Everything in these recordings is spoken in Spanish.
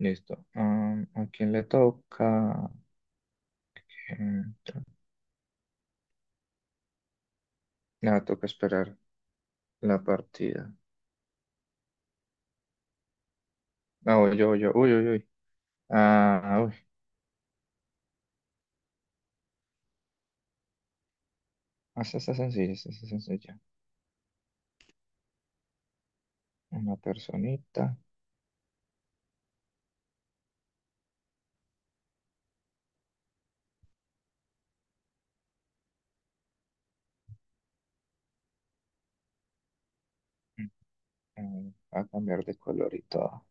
Listo. ¿A quién le toca? Em, tra- Nada, toca esperar la partida. Ah, voy yo, voy yo. Uy, uy, uy. Ah, uy. Esta está sencilla, esta está sencilla. Una personita va a cambiar de color y todo.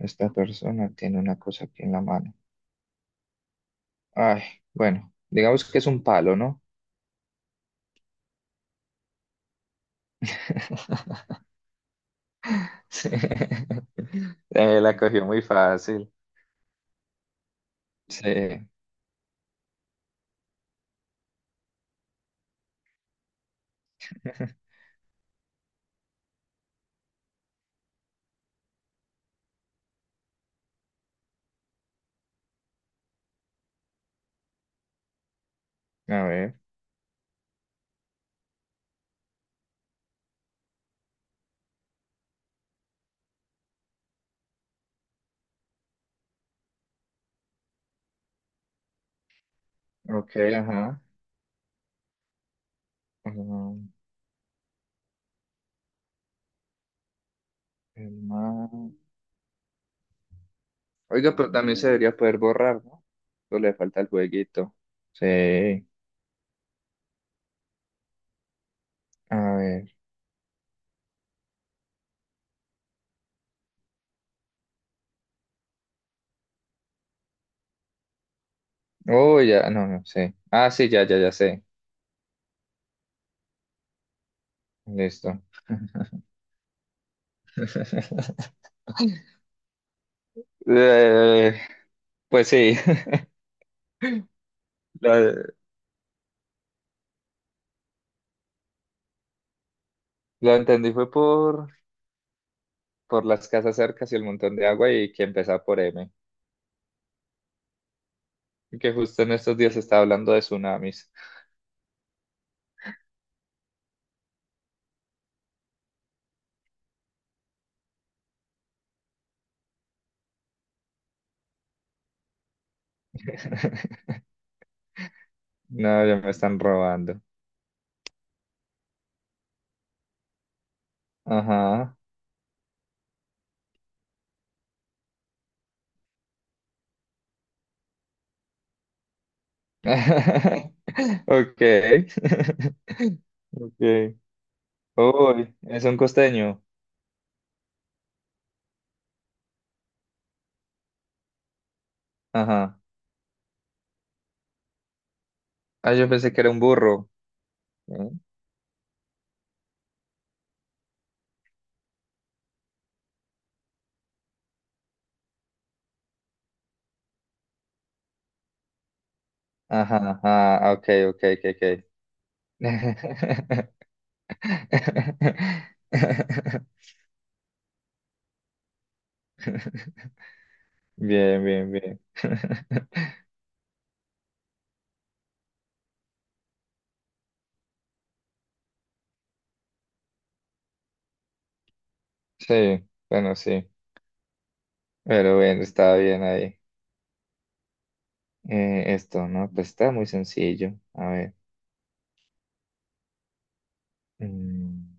Esta persona tiene una cosa aquí en la mano. Ay, bueno, digamos que es un palo, ¿no? Sí. La cogió muy fácil. Sí. A ver. Ok, ajá. El mar. Oiga, pero también se debería poder borrar, ¿no? Solo le falta el jueguito. Sí. A ver. Oh, ya, no, no sé. Ah, sí, ya, ya, ya sé. Listo. Eh, pues sí, lo, lo entendí fue por las casas cercas y el montón de agua y que empezaba por M. Y que justo en estos días está hablando de tsunamis. No, ya me están robando. Ajá. Okay. Okay. Uy, es un costeño. Ajá. Ah, yo pensé que era un burro. ¿Eh? Ajá, ajá. Ok, ok, ok, ok. Bien, bien, bien. Sí, bueno, sí. Pero bueno, estaba bien ahí. Esto, ¿no? Pues está muy sencillo. A ver. Mm,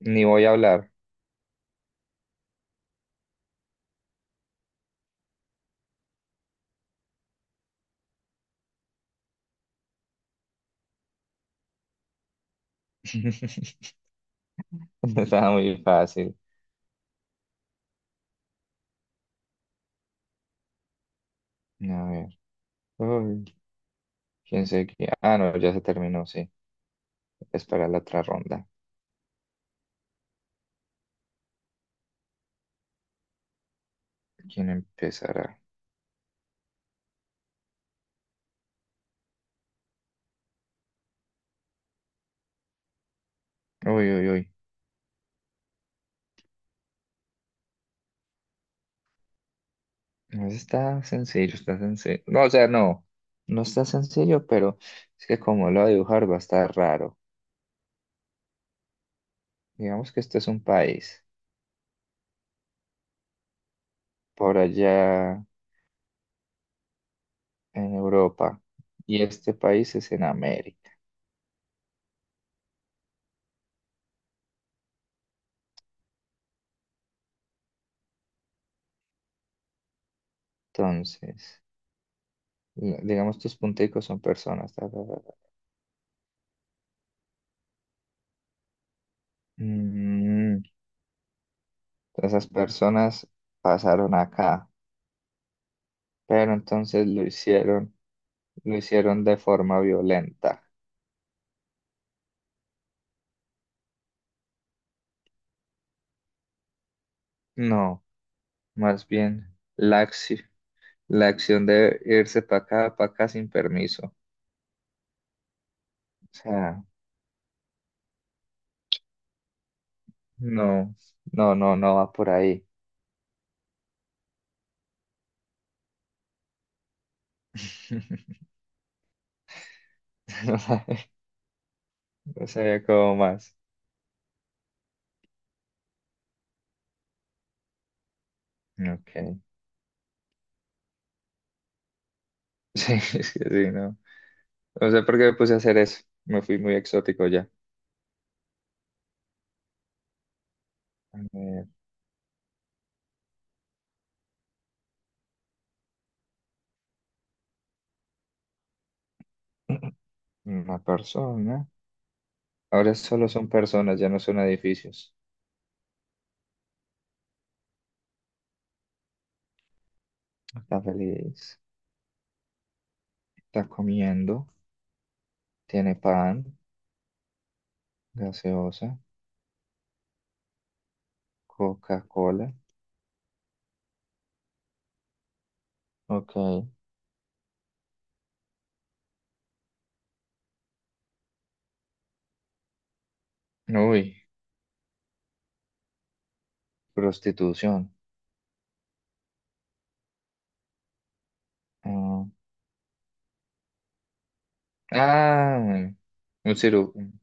ni voy a hablar. Estaba muy fácil. A ver. Uy, quién sé que... Ah, no, ya se terminó, sí. Es para la otra ronda. ¿Quién empezará? Uy, uy, uy. No, está sencillo, está sencillo. No, o sea, no. No está sencillo, pero es que como lo va a dibujar va a estar raro. Digamos que este es un país por allá en Europa y este país es en América. Entonces, digamos tus punticos son personas. Ta, ta, ta, ta. Mm, esas personas pasaron acá, pero entonces lo hicieron de forma violenta. No, más bien la acción de irse para acá sin permiso. O sea, no, no, no, no va por ahí. No sabía cómo más. Ok. Sí, sí, sí, no. No sé por qué me puse a hacer eso. Me fui muy exótico ya. A ver, una persona. Ahora solo son personas, ya no son edificios. Está feliz. Está comiendo. Tiene pan, gaseosa. Coca-Cola. Ok. Uy, prostitución. Ah, ah, un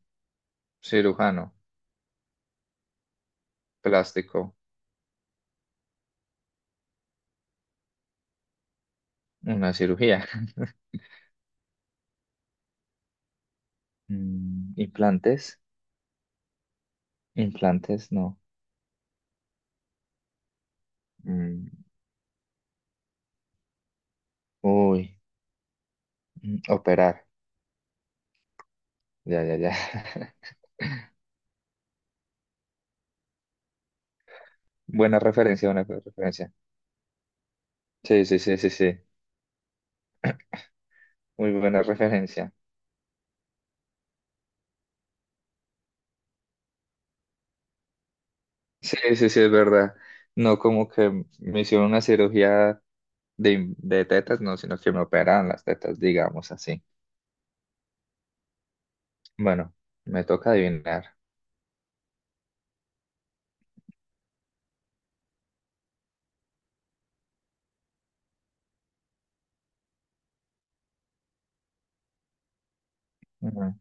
cirujano plástico. Una cirugía. Mm, implantes. Implantes, no. Mm, uy, mm, operar. Ya, ya, ya. Buena referencia, buena referencia. Sí, sí, sí, sí, sí. Muy buena referencia. Sí, sí, sí, es verdad. No como que me hicieron una cirugía de tetas, no, sino que me operaron las tetas, digamos así. Bueno, me toca adivinar. Ujú.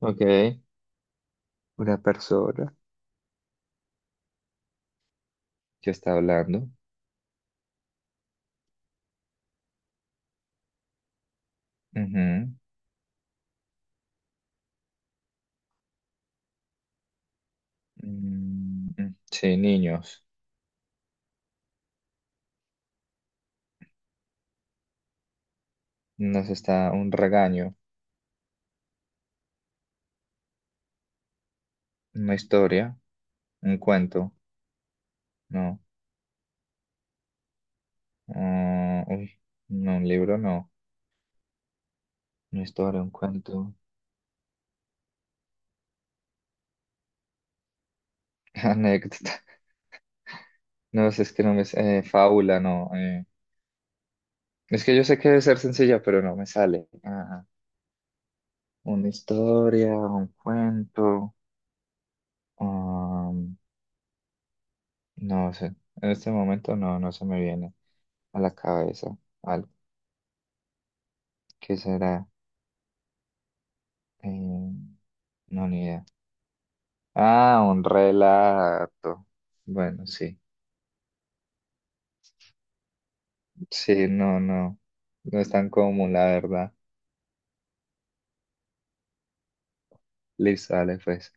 Ok, una persona que está hablando. Ujú. Mm, mm, sí, niños. Nos está un regaño, una historia, un cuento. No. Ah, uy, no, un libro, no. Una historia, un cuento. Anécdota. No sé, es que no me... sé, fábula, no. Es que yo sé que debe ser sencilla, pero no me sale. Ah, una historia, un cuento. No sé, en este momento no, no se me viene a la cabeza algo. ¿Qué será? Eh, no, ni idea. Ah, un relato. Bueno, sí, sí, no, no, no es tan común, la verdad. Listo, dale, pues.